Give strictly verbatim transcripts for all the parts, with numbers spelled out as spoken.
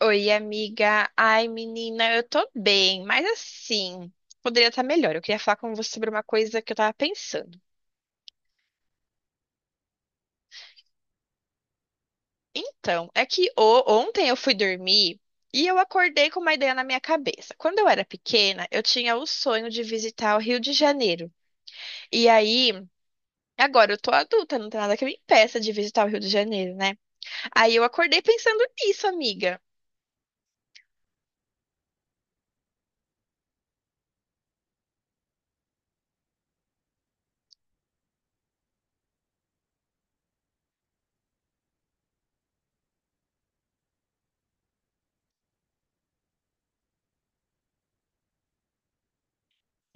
Oi, amiga. Ai, menina, eu tô bem, mas assim, poderia estar melhor. Eu queria falar com você sobre uma coisa que eu tava pensando. Então, é que o- ontem eu fui dormir e eu acordei com uma ideia na minha cabeça. Quando eu era pequena, eu tinha o sonho de visitar o Rio de Janeiro. E aí, agora eu tô adulta, não tem nada que me impeça de visitar o Rio de Janeiro, né? Aí eu acordei pensando nisso, amiga.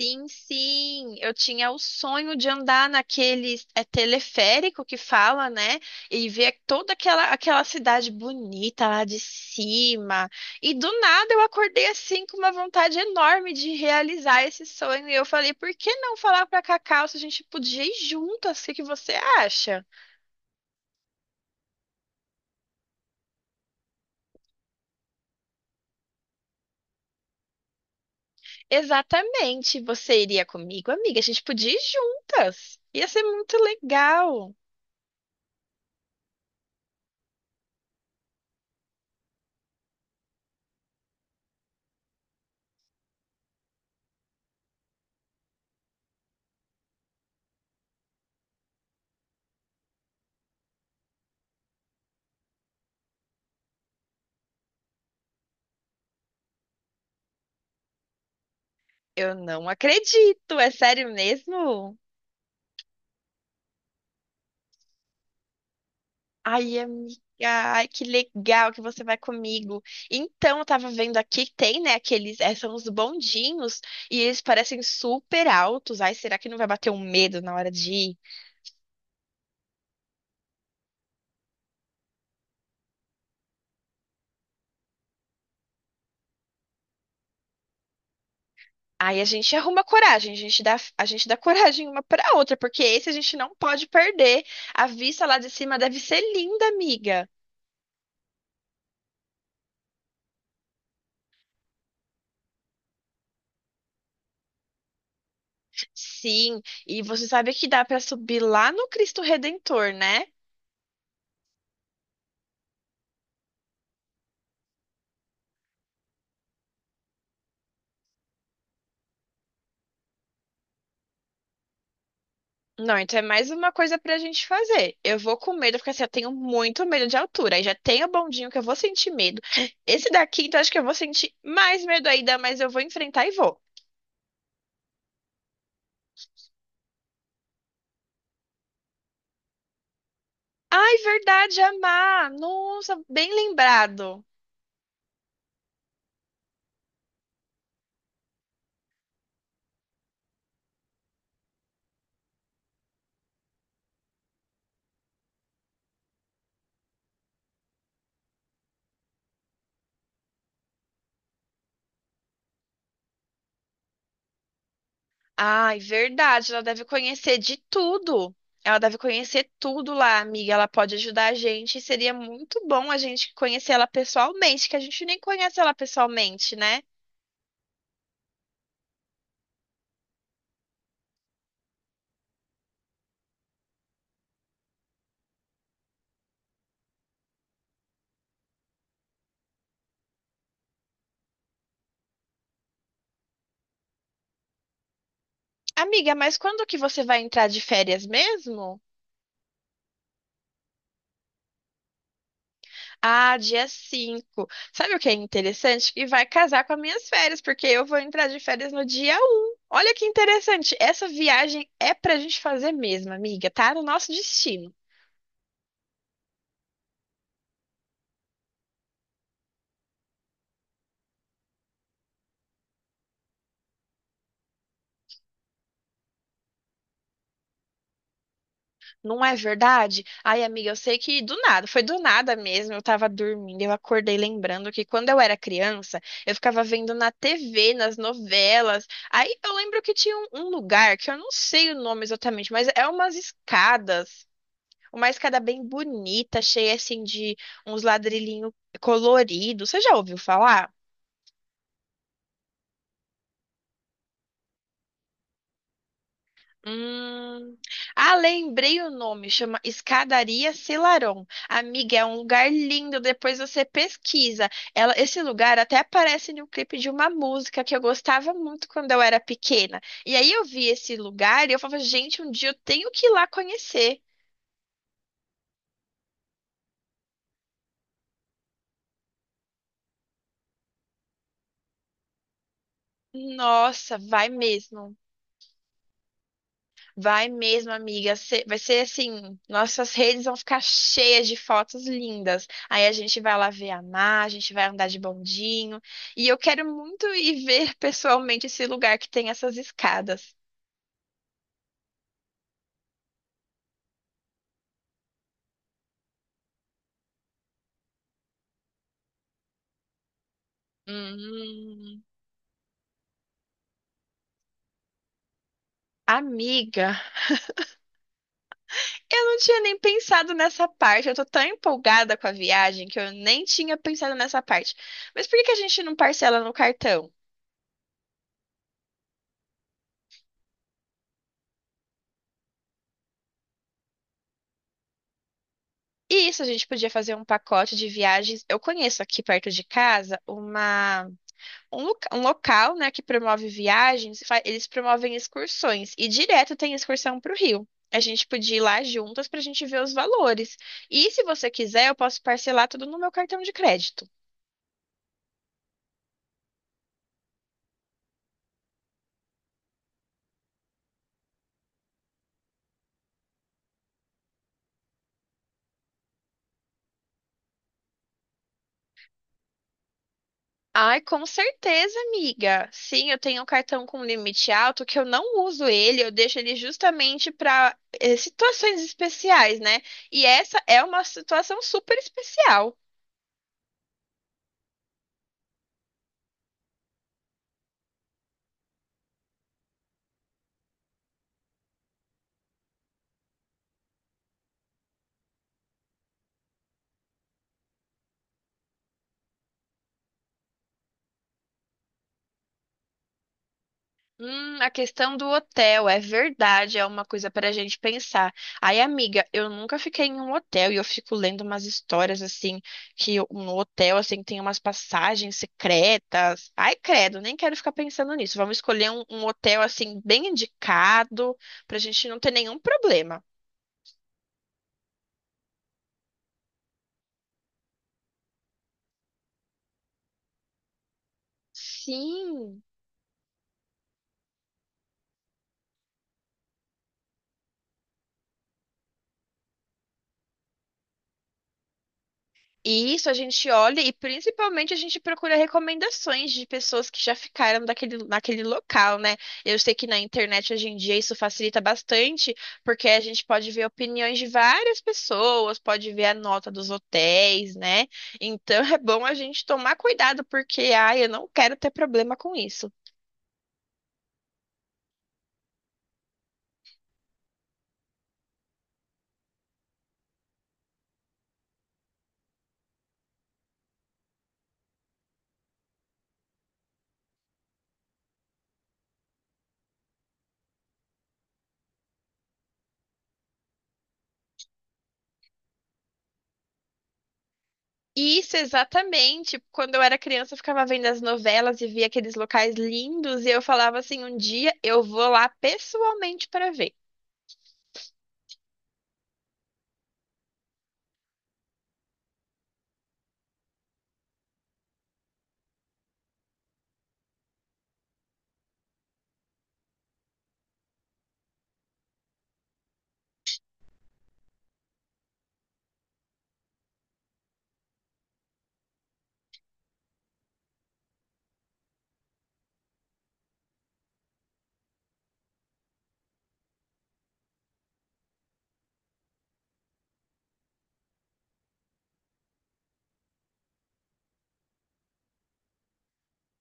Sim, sim, eu tinha o sonho de andar naquele é, teleférico que fala, né? E ver toda aquela, aquela cidade bonita lá de cima. E do nada eu acordei assim com uma vontade enorme de realizar esse sonho. E eu falei, por que não falar para Cacau se a gente podia ir juntas? O que que você acha? Exatamente, você iria comigo, amiga? A gente podia ir juntas. Ia ser muito legal. Eu não acredito, é sério mesmo? Ai, amiga, ai, que legal que você vai comigo. Então, eu tava vendo aqui, que tem, né, aqueles, eh, são os bondinhos, e eles parecem super altos. Ai, será que não vai bater um medo na hora de ir? Aí a gente arruma coragem, a gente dá, a gente dá coragem uma pra outra, porque esse a gente não pode perder. A vista lá de cima deve ser linda, amiga. Sim, e você sabe que dá pra subir lá no Cristo Redentor, né? Não, então é mais uma coisa pra gente fazer. Eu vou com medo, porque assim, eu tenho muito medo de altura. Aí já tem o bondinho que eu vou sentir medo. Esse daqui, então acho que eu vou sentir mais medo ainda, mas eu vou enfrentar e vou. Ai, verdade, Amar. Nossa, bem lembrado. Ai, verdade, ela deve conhecer de tudo. Ela deve conhecer tudo lá, amiga. Ela pode ajudar a gente. E seria muito bom a gente conhecer ela pessoalmente, que a gente nem conhece ela pessoalmente, né? Amiga, mas quando que você vai entrar de férias mesmo? Ah, dia cinco. Sabe o que é interessante? Que vai casar com as minhas férias, porque eu vou entrar de férias no dia um. Olha que interessante. Essa viagem é pra gente fazer mesmo, amiga. Tá no nosso destino. Não é verdade? Ai, amiga, eu sei que do nada, foi do nada mesmo. Eu tava dormindo, eu acordei lembrando que quando eu era criança, eu ficava vendo na T V, nas novelas. Aí eu lembro que tinha um, um lugar que eu não sei o nome exatamente, mas é umas escadas. Uma escada bem bonita, cheia assim de uns ladrilhinhos coloridos. Você já ouviu falar? Hum... Ah, lembrei o nome, chama Escadaria Selarón. Amiga, é um lugar lindo, depois você pesquisa. Ela, esse lugar até aparece no clipe de uma música que eu gostava muito quando eu era pequena. E aí eu vi esse lugar e eu falava, gente, um dia eu tenho que ir lá conhecer. Nossa, vai mesmo. Vai mesmo, amiga. Se- Vai ser assim, nossas redes vão ficar cheias de fotos lindas. Aí a gente vai lá ver a mar, a gente vai andar de bondinho. E eu quero muito ir ver pessoalmente esse lugar que tem essas escadas. Hum, Amiga, eu não tinha nem pensado nessa parte. Eu tô tão empolgada com a viagem que eu nem tinha pensado nessa parte. Mas por que que a gente não parcela no cartão? E isso, a gente podia fazer um pacote de viagens. Eu conheço aqui perto de casa uma. Um, loca- um local, né, que promove viagens, fa- eles promovem excursões e direto tem excursão para o Rio. A gente podia ir lá juntas para a gente ver os valores. E se você quiser, eu posso parcelar tudo no meu cartão de crédito. Ai, com certeza, amiga. Sim, eu tenho um cartão com limite alto que eu não uso ele, eu deixo ele justamente para situações especiais, né? E essa é uma situação super especial. Hum, a questão do hotel, é verdade, é uma coisa para a gente pensar. Aí, amiga, eu nunca fiquei em um hotel e eu fico lendo umas histórias assim, que eu- no hotel, assim, tem umas passagens secretas. Ai, credo, nem quero ficar pensando nisso. Vamos escolher um, um hotel, assim, bem indicado, para a gente não ter nenhum problema. Sim. E isso a gente olha e principalmente a gente procura recomendações de pessoas que já ficaram daquele, naquele local, né? Eu sei que na internet hoje em dia isso facilita bastante, porque a gente pode ver opiniões de várias pessoas, pode ver a nota dos hotéis, né? Então é bom a gente tomar cuidado, porque, ai, eu não quero ter problema com isso. Isso, exatamente. Quando eu era criança, eu ficava vendo as novelas e via aqueles locais lindos, e eu falava assim: um dia eu vou lá pessoalmente para ver.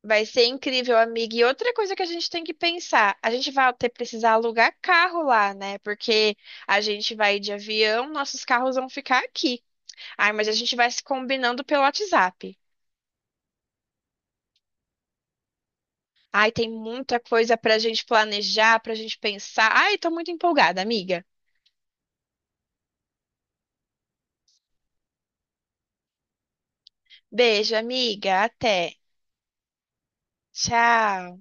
Vai ser incrível, amiga. E outra coisa que a gente tem que pensar, a gente vai ter precisar alugar carro lá, né? Porque a gente vai de avião, nossos carros vão ficar aqui. Ai, mas a gente vai se combinando pelo WhatsApp. Ai, tem muita coisa pra gente planejar, pra gente pensar. Ai, tô muito empolgada, amiga. Beijo, amiga. Até. Tchau.